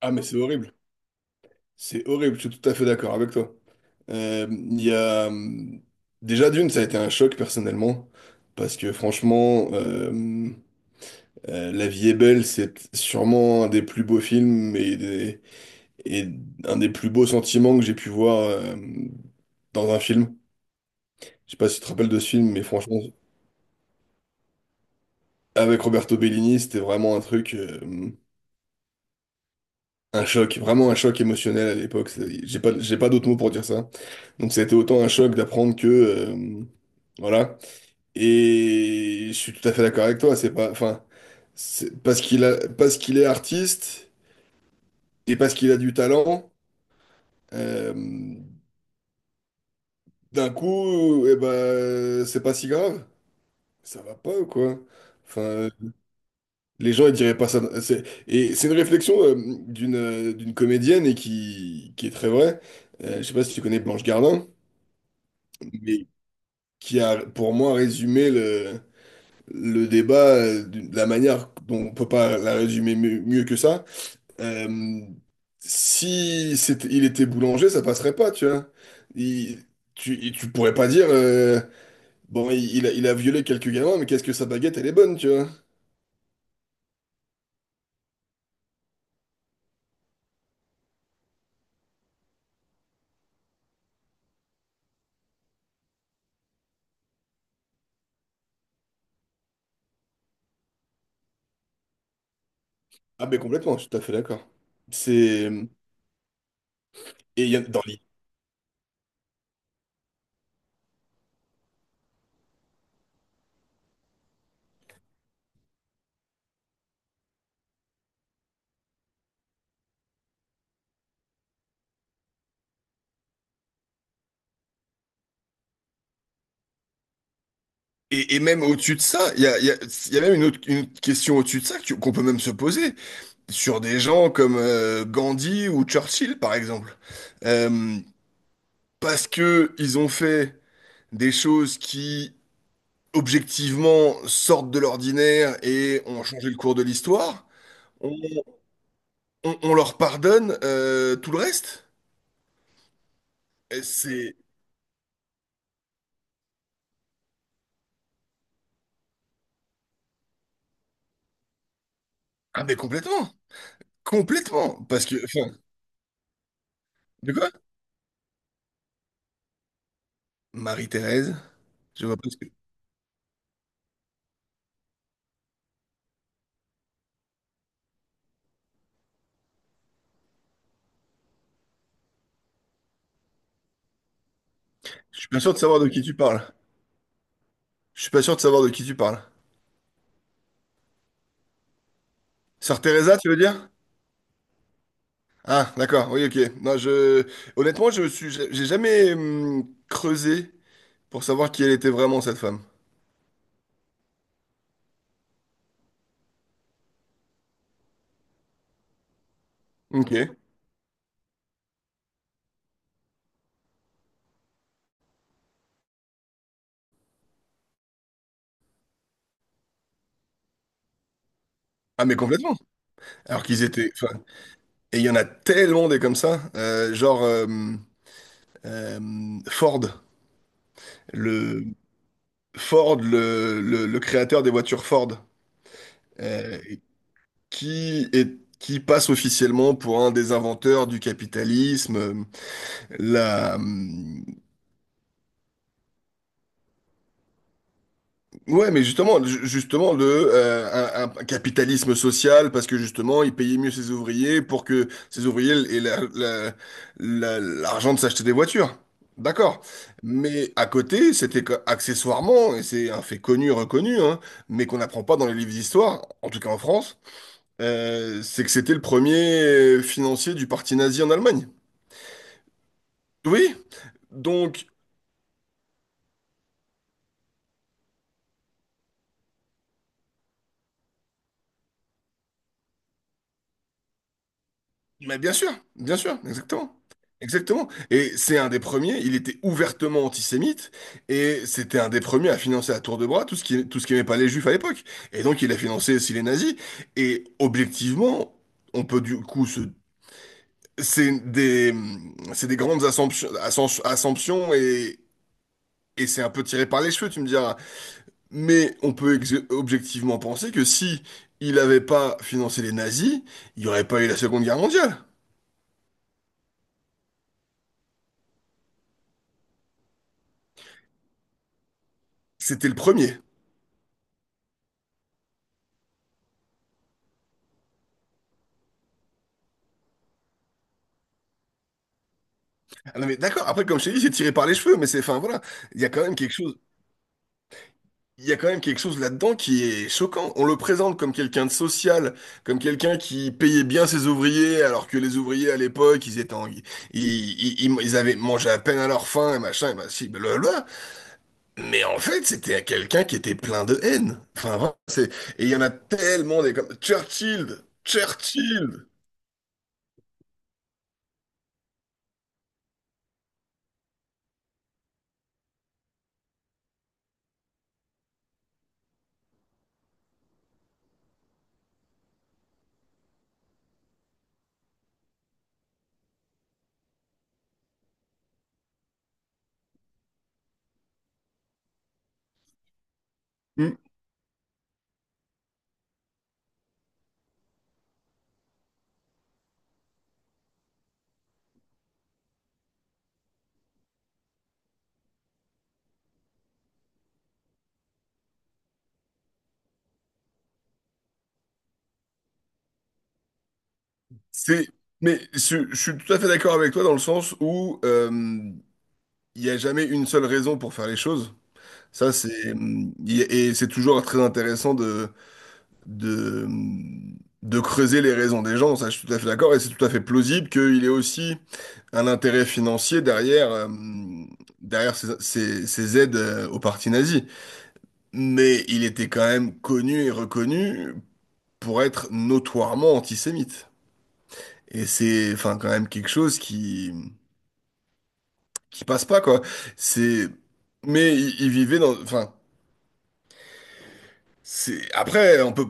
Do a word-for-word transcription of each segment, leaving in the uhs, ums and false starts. Ah, mais c'est horrible. C'est horrible, je suis tout à fait d'accord avec toi. Euh, Il y a... hum, Déjà, d'une, ça a été un choc personnellement, parce que franchement, euh, euh, La vie est belle, c'est sûrement un des plus beaux films et, des- et un des plus beaux sentiments que j'ai pu voir euh, dans un film. Je sais pas si tu te rappelles de ce film, mais franchement, avec Roberto Bellini, c'était vraiment un truc, euh, un choc, vraiment un choc émotionnel à l'époque. C'est- J'ai pas, j'ai pas d'autres mots pour dire ça. Donc ça a été autant un choc d'apprendre que euh, voilà. Et je suis tout à fait d'accord avec toi. C'est pas, enfin, c'est parce qu'il a, parce qu'il est artiste et parce qu'il a du talent. euh, D'un coup, eh ben, c'est pas si grave. Ça va pas ou quoi? Enfin, les gens ils diraient pas ça. C'est- et c'est une réflexion euh, d'une euh, d'une comédienne et qui qui est très vraie. Euh, je sais pas si tu connais Blanche Gardin, mais qui a pour moi résumé le le débat, euh, de la manière dont on peut pas la résumer mieux, mieux que ça. Euh, si c'était, Il était boulanger, ça passerait pas, tu vois. Il- tu, il- Tu pourrais pas dire, euh, bon, il, il a, il a violé quelques gamins, mais qu'est-ce que sa baguette, elle est bonne, tu vois. Ah, ben complètement, je suis tout à fait d'accord. C'est. Et, il y a- dans les- et, et même au-dessus de ça, il y a, il y a- il y a même une autre une autre question au-dessus de ça que- qu'on peut même se poser sur des gens comme euh, Gandhi ou Churchill, par exemple. Euh, Parce que ils ont fait des choses qui, objectivement, sortent de l'ordinaire et ont changé le cours de l'histoire, on, on- on leur pardonne euh, tout le reste? Et C'est... Ah mais complètement! Complètement! Parce que... Enfin, de quoi? Marie-Thérèse? Je vois pas ce que… Je suis pas sûr de savoir de qui tu parles. Je suis pas sûr de savoir de qui tu parles. Sœur Teresa, tu veux dire? Ah, d'accord, oui, ok. Non, je… Honnêtement, je suis... j'ai jamais hum, creusé pour savoir qui elle était vraiment, cette femme. Ok. Ah mais complètement. Alors qu'ils étaient. Enfin, et il y en a tellement des comme ça. Euh, genre euh, euh, Ford, le Ford, le, le- le créateur des voitures Ford, euh, qui est qui passe officiellement pour un des inventeurs du capitalisme. Euh, La, euh, Ouais, mais justement, ju- justement le euh, un, un capitalisme social parce que justement il payait mieux ses ouvriers pour que ses ouvriers aient la- la- la- l'argent de s'acheter des voitures. D'accord. Mais à côté, c'était que- accessoirement, et c'est un fait connu, reconnu, hein, mais qu'on n'apprend pas dans les livres d'histoire, en tout cas en France, euh, c'est que c'était le premier euh, financier du parti nazi en Allemagne. Oui. Donc Mais bien sûr, bien sûr, exactement. Exactement. Et c'est un des premiers, il était ouvertement antisémite, et c'était un des premiers à financer à tour de bras tout ce qui, tout ce qu'aimaient pas les juifs à l'époque. Et donc il a financé aussi les nazis. Et objectivement, on peut du coup se… C'est des, c'est des grandes assumptions, assumptions assumptions et, et c'est un peu tiré par les cheveux, tu me diras. Mais on peut ex- objectivement penser que si il avait pas financé les nazis, il n'y aurait pas eu la Seconde Guerre mondiale. C'était le premier. Ah non mais d'accord, après comme je t'ai dit, c'est tiré par les cheveux, mais c'est, enfin voilà, il y a quand même quelque chose, il y a quand même quelque chose là-dedans qui est choquant. On le présente comme quelqu'un de social, comme quelqu'un qui payait bien ses ouvriers, alors que les ouvriers à l'époque, ils étaient en- ils, ils, ils- ils avaient mangé à peine à leur faim et machin, et si, blablabla. Mais en fait, c'était quelqu'un qui était plein de haine. Enfin vraiment, c'est, et il y en a tellement des comme Churchill, Churchill. Hmm. C'est, mais je, je suis tout à fait d'accord avec toi dans le sens où euh, il n'y a jamais une seule raison pour faire les choses. Ça, c'est, hum, et c'est toujours très intéressant de, de, hum, de creuser les raisons des gens. Ça, je suis tout à fait d'accord. Et c'est tout à fait plausible qu'il y ait aussi un intérêt financier derrière, hum, derrière ces, ces- ces aides euh, aux partis nazis. Mais il était quand même connu et reconnu pour être notoirement antisémite. Et c'est, enfin, quand même quelque chose qui, qui passe pas, quoi. C'est, mais il, il vivait dans, Enfin, c'est après on peut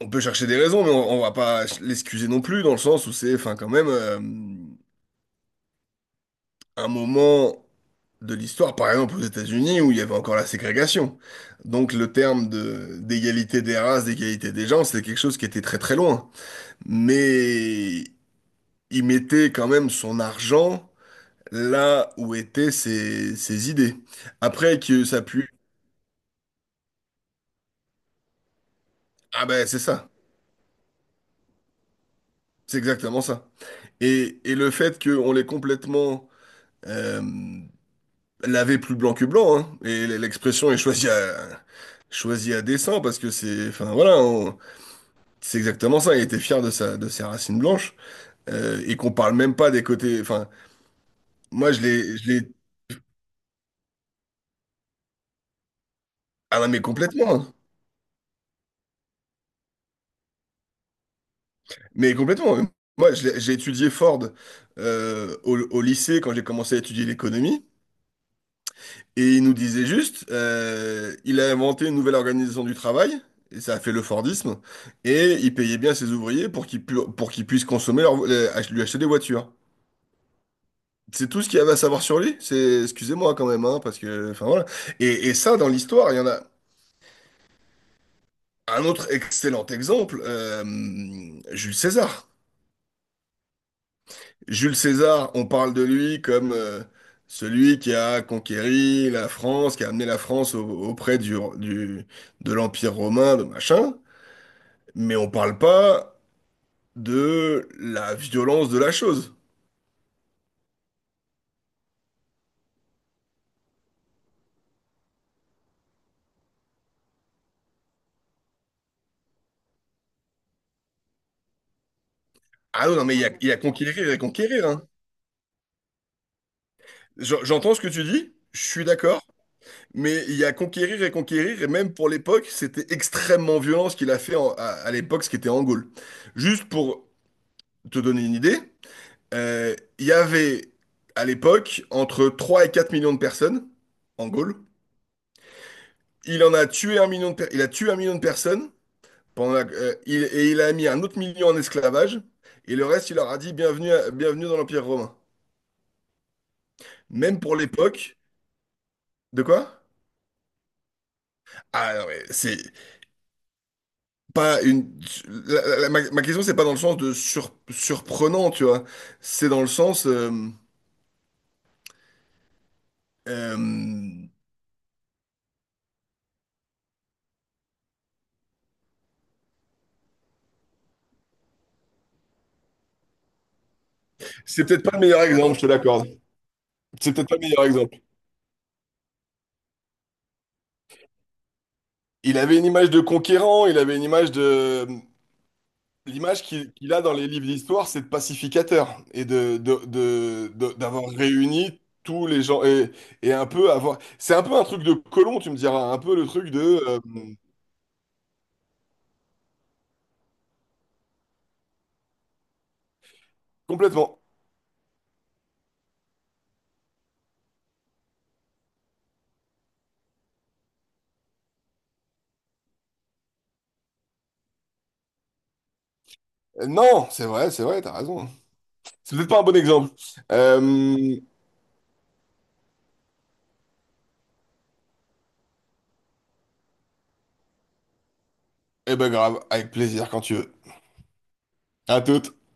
on peut chercher des raisons mais on, on va pas l'excuser non plus dans le sens où c'est enfin quand même euh, un moment de l'histoire par exemple aux États-Unis où il y avait encore la ségrégation. Donc le terme de d'égalité des races, d'égalité des gens, c'est quelque chose qui était très très loin. Mais il mettait quand même son argent là où étaient ses, ses idées. Après que ça pue, ah ben c'est ça, c'est exactement ça. Et, et le fait qu'on l'ait complètement euh, laver plus blanc que blanc, hein. Et l'expression est choisie à, choisie à dessein parce que c'est, enfin voilà, on- c'est exactement ça. Il était fier de sa, de ses racines blanches euh, et qu'on parle même pas des côtés. Enfin, moi je l'ai, je l'ai, ah non, mais complètement, hein. Mais complètement. Moi, je l'ai- j'ai étudié Ford euh, au, au lycée quand j'ai commencé à étudier l'économie. Et il nous disait juste, euh, il a inventé une nouvelle organisation du travail, et ça a fait le Fordisme, et il payait bien ses ouvriers pour qu'ils pu- pour qu'ils puissent consommer leur, euh, ach- lui acheter des voitures. C'est tout ce qu'il y avait à savoir sur lui. C'est, excusez-moi quand même, hein, parce que, enfin voilà. Et, et ça, dans l'histoire, il y en a un autre excellent exemple, euh, Jules César. Jules César, on parle de lui comme euh, celui qui a conquéri la France, qui a amené la France au- auprès du, du- de l'Empire romain, de machin. Mais on parle pas de la violence de la chose. Ah non, non, mais il y a, il y a conquérir et conquérir, hein. Je- J'entends ce que tu dis, je suis d'accord, mais il y a conquérir et conquérir, et même pour l'époque, c'était extrêmement violent ce qu'il a fait en- à, à l'époque, ce qui était en Gaule. Juste pour te donner une idée, euh, il y avait à l'époque entre trois et quatre millions de personnes en Gaule. Il en a tué un million de per- il a tué un million de personnes. Pendant la- euh, il, et il a mis un autre million en esclavage, et le reste, il leur a dit bienvenue, à- bienvenue dans l'Empire romain. Même pour l'époque, de quoi? Ah non, mais c'est pas une. La- la- la- ma, ma question, c'est pas dans le sens de sur- surprenant, tu vois. C'est dans le sens. Euh, euh, c'est peut-être pas le meilleur exemple, je te l'accorde. C'est peut-être pas le meilleur exemple. Il avait une image de conquérant, il avait une image de, l'image qu'il qu'il a dans les livres d'histoire, c'est de pacificateur et de, de- de- de- d'avoir réuni tous les gens et, et un peu avoir. C'est un peu un truc de colon, tu me diras, un peu le truc de euh, complètement. Non, c'est vrai, c'est vrai, t'as raison, hein. C'est peut-être pas un bon exemple. Euh, eh ben grave, avec plaisir quand tu veux. À toute.